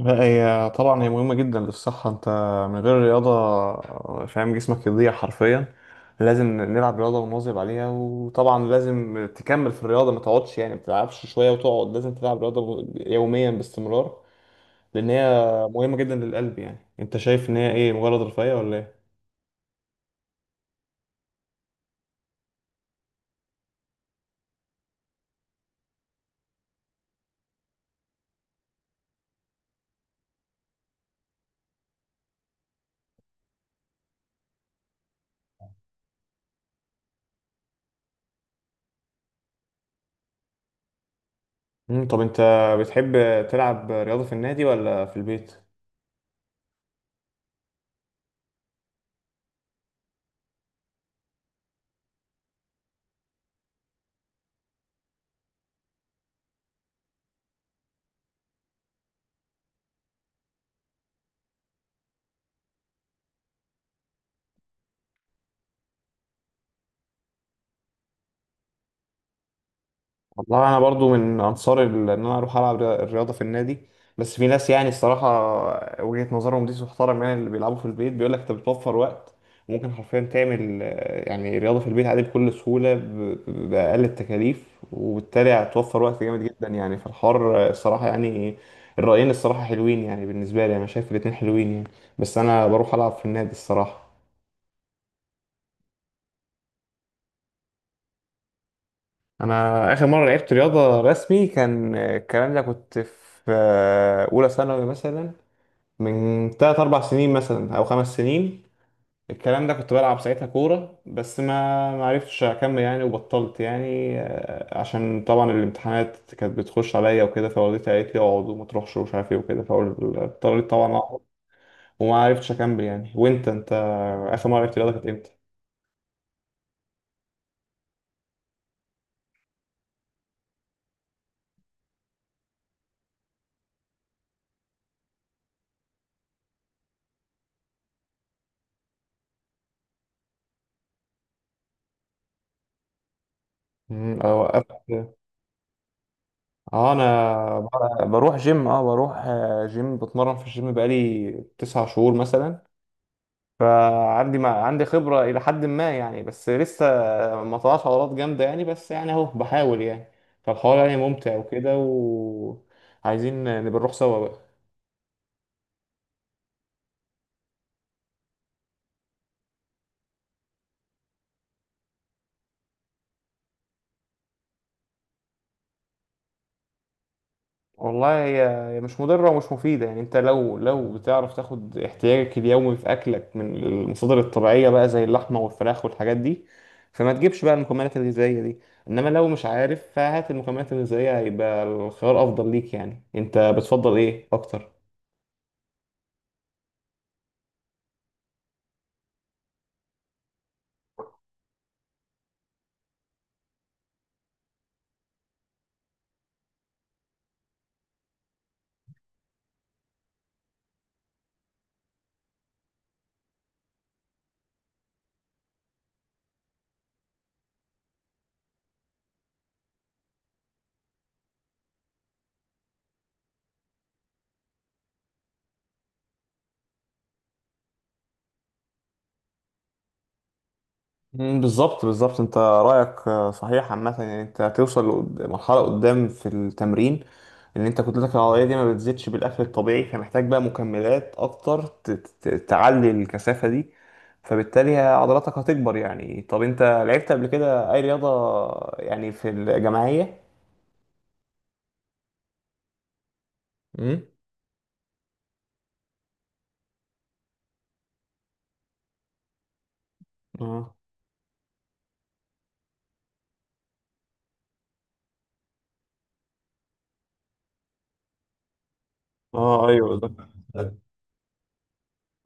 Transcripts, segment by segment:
لا، هي طبعا هي مهمة جدا للصحة. انت من غير رياضة فاهم جسمك يضيع حرفيا. لازم نلعب رياضة ونواظب عليها، وطبعا لازم تكمل في الرياضة ما تقعدش، يعني ما تلعبش شوية وتقعد، لازم تلعب رياضة يوميا باستمرار لأن هي مهمة جدا للقلب. يعني انت شايف ان هي ايه، مجرد رفاهية ولا ايه؟ طب انت بتحب تلعب رياضة في النادي ولا في البيت؟ والله انا برضو من انصار ان انا اروح العب الرياضه في النادي. بس في ناس، يعني الصراحه وجهه نظرهم دي تحترم، يعني اللي بيلعبوا في البيت بيقول لك انت بتوفر وقت. وممكن حرفيا تعمل يعني رياضه في البيت عادي بكل سهوله باقل التكاليف. وبالتالي هتوفر وقت جامد جدا، يعني في الحوار الصراحه يعني. الرايين الصراحه حلوين يعني، بالنسبه لي انا شايف الاتنين حلوين يعني، بس انا بروح العب في النادي الصراحه. انا اخر مره لعبت رياضه رسمي كان الكلام ده كنت في اولى ثانوي مثلا، من 3 4 سنين مثلا او خمس سنين. الكلام ده كنت بلعب ساعتها كوره، بس ما عرفتش اكمل يعني وبطلت يعني، عشان طبعا الامتحانات كانت بتخش عليا وكده، فوالدتي قالت لي اقعد وما تروحش ومش عارف ايه وكده، فاضطريت طبعا اقعد. وما عرفتش اكمل يعني. وانت اخر مره لعبت رياضه كانت امتى؟ أنا وقفت. اه انا بروح جيم، بروح جيم، بتمرن في الجيم بقالي تسع شهور مثلا. فعندي، ما عندي خبرة إلى حد ما يعني، بس لسه ما طلعش عضلات جامدة يعني، بس يعني أهو بحاول يعني. فالحوار يعني ممتع وكده، وعايزين نبقى نروح سوا بقى. والله، هي مش مضرة ومش مفيدة، يعني انت لو بتعرف تاخد احتياجك اليومي في اكلك من المصادر الطبيعية بقى، زي اللحمة والفراخ والحاجات دي، فما تجيبش بقى المكملات الغذائية دي. انما لو مش عارف فهات المكملات الغذائية، هيبقى الخيار افضل ليك. يعني انت بتفضل ايه اكتر؟ مم، بالظبط بالظبط. انت رايك صحيح عامه، يعني انت هتوصل مرحله قدام في التمرين، ان انت كتلتك العضليه دي ما بتزيدش بالاكل الطبيعي، فمحتاج بقى مكملات اكتر تعلي الكثافه دي. فبالتالي عضلاتك هتكبر يعني. طب انت لعبت قبل كده اي رياضه، يعني في الجماعيه؟ امم، اه اه ايوه ده.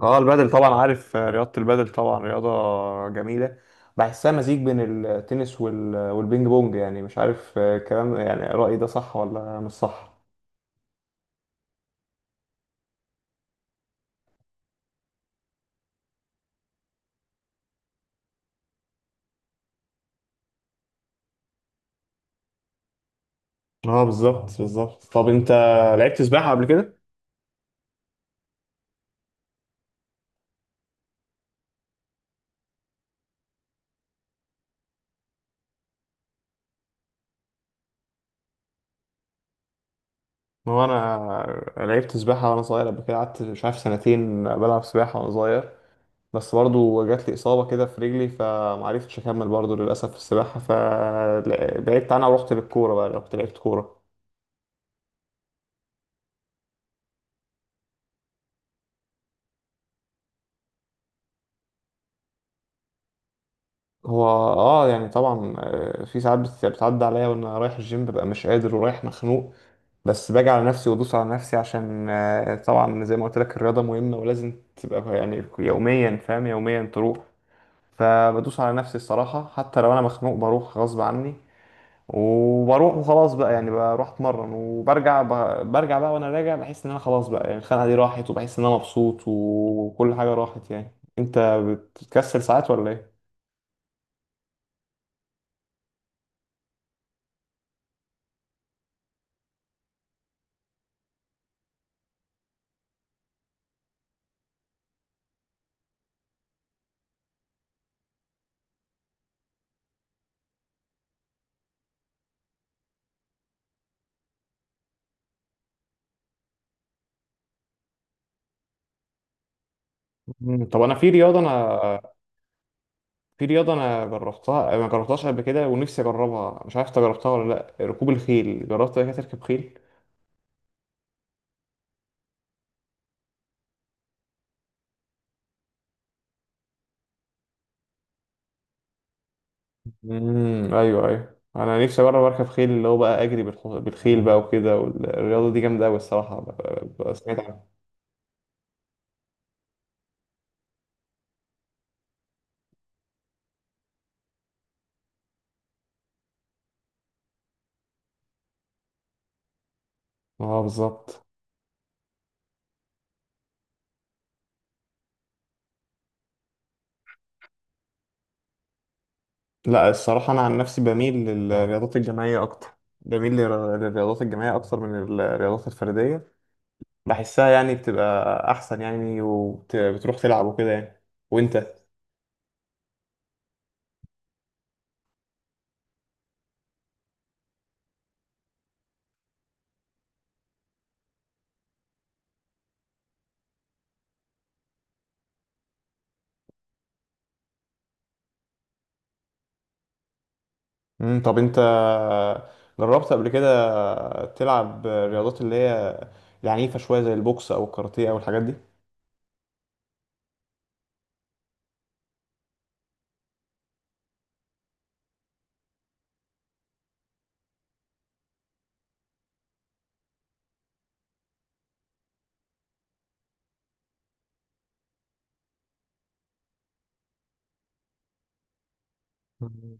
اه، البادل طبعا عارف، رياضة البادل طبعا رياضة جميلة. بحسها مزيج بين التنس والبينج بونج، يعني مش عارف الكلام. يعني رأيي ده صح ولا مش صح؟ اه بالظبط بالظبط. طب انت لعبت سباحة قبل كده؟ ما هو انا لعبت سباحة وانا صغير قبل كده، قعدت مش عارف سنتين بلعب سباحة وانا صغير، بس برضو جات لي إصابة كده في رجلي فمعرفتش أكمل برضو للأسف في السباحة، فبعدت عنها ورحت للكورة بقى، رحت لعبت كورة. هو، يعني طبعا في ساعات بتعدي عليا وانا رايح الجيم ببقى مش قادر ورايح مخنوق. بس باجي على نفسي وادوس على نفسي، عشان طبعا زي ما قلت لك الرياضه مهمه ولازم تبقى يعني يوميا، فاهم، يوميا تروح. فبدوس على نفسي الصراحه حتى لو انا مخنوق بروح غصب عني. وبروح وخلاص بقى، يعني بروح اتمرن وبرجع برجع بقى. وانا راجع بحس ان انا خلاص بقى، يعني الخناقه دي راحت، وبحس ان انا مبسوط وكل حاجه راحت يعني. انت بتكسل ساعات ولا ايه؟ طب انا في رياضه انا في رياضة أنا جربتها ما جربتهاش قبل كده، ونفسي أجربها، مش عارف أنت جربتها ولا لأ. ركوب الخيل، جربت قبل كده تركب خيل؟ امم، أيوه أيوه، أنا نفسي أجرب أركب خيل، اللي هو بقى أجري بالخيل بقى وكده، والرياضة دي جامدة أوي الصراحة، سمعت عنها. أه بالظبط. لا الصراحة، أنا عن نفسي بميل للرياضات الجماعية أكتر، بميل للرياضات الجماعية أكتر من الرياضات الفردية. بحسها يعني بتبقى أحسن يعني، وبتروح تلعب وكده يعني. وأنت؟ طب انت جربت قبل كده تلعب رياضات اللي هي العنيفة شوية، زي البوكس او الكاراتيه او الحاجات دي. مم.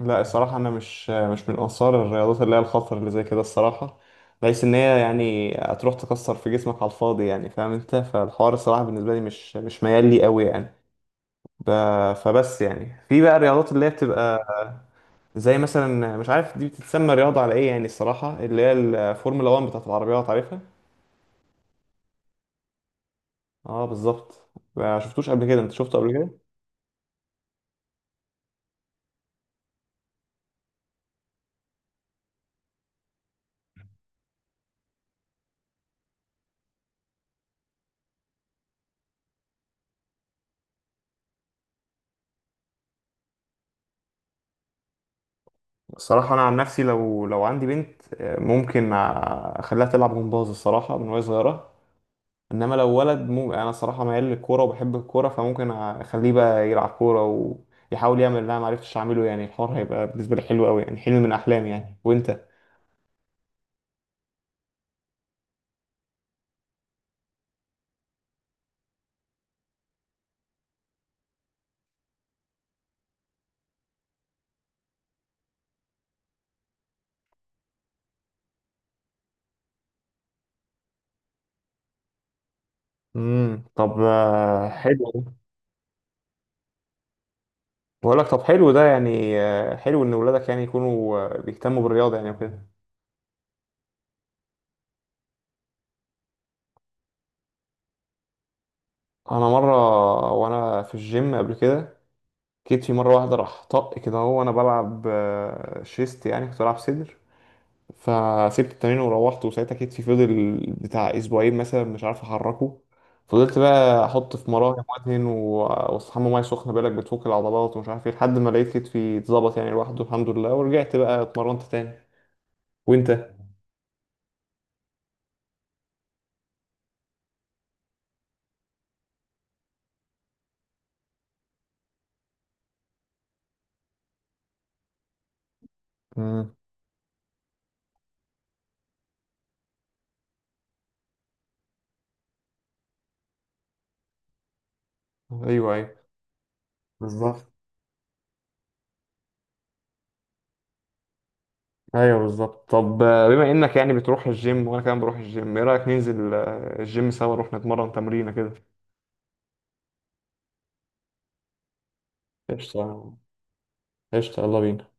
لا الصراحة انا مش من انصار الرياضات اللي هي الخطر اللي زي كده الصراحة، بحيث ان هي يعني هتروح تكسر في جسمك على الفاضي، يعني فاهم انت، فالحوار الصراحة بالنسبة لي مش ميال لي قوي يعني. ب... فبس يعني في بقى الرياضات اللي هي بتبقى، زي مثلا، مش عارف دي بتتسمى رياضة على ايه يعني، الصراحة اللي هي الفورمولا 1 بتاعت العربيات، عارفها؟ اه بالظبط. ما شفتوش قبل كده؟ انت شفته قبل كده؟ الصراحه انا عن نفسي لو عندي بنت، ممكن اخليها تلعب جمباز الصراحه من وهي صغيره. انما لو ولد انا صراحه ميال للكوره وبحب الكوره، فممكن اخليه بقى يلعب كوره، ويحاول يعمل اللي انا ما عرفتش اعمله. يعني الحوار هيبقى بالنسبه لي حلو قوي يعني، حلم من احلامي يعني. وانت؟ امم، طب حلو. بقول لك طب حلو ده، يعني حلو ان ولادك يعني يكونوا بيهتموا بالرياضه يعني وكده. انا مره وانا في الجيم قبل كده، جيت في مرة واحدة راح طق كده، هو وأنا بلعب شيست، يعني كنت بلعب صدر. فسبت التمرين وروحت، وساعتها كتفي فضل بتاع أسبوعين مثلا مش عارف أحركه. فضلت بقى أحط في مراهم وأدهن وأستحمى مية سخنة، بالك بتفك العضلات ومش عارف إيه، لحد ما لقيت كتفي اتظبط يعني لوحده الحمد لله، ورجعت بقى اتمرنت تاني. وأنت؟ امم، أيوه أيوه بالظبط، أيوه بالظبط. طب بما إنك يعني بتروح الجيم وأنا كمان بروح الجيم، إيه رأيك ننزل الجيم سوا، نروح نتمرن تمرينة كده؟ قشطة، قشطة، يلا بينا.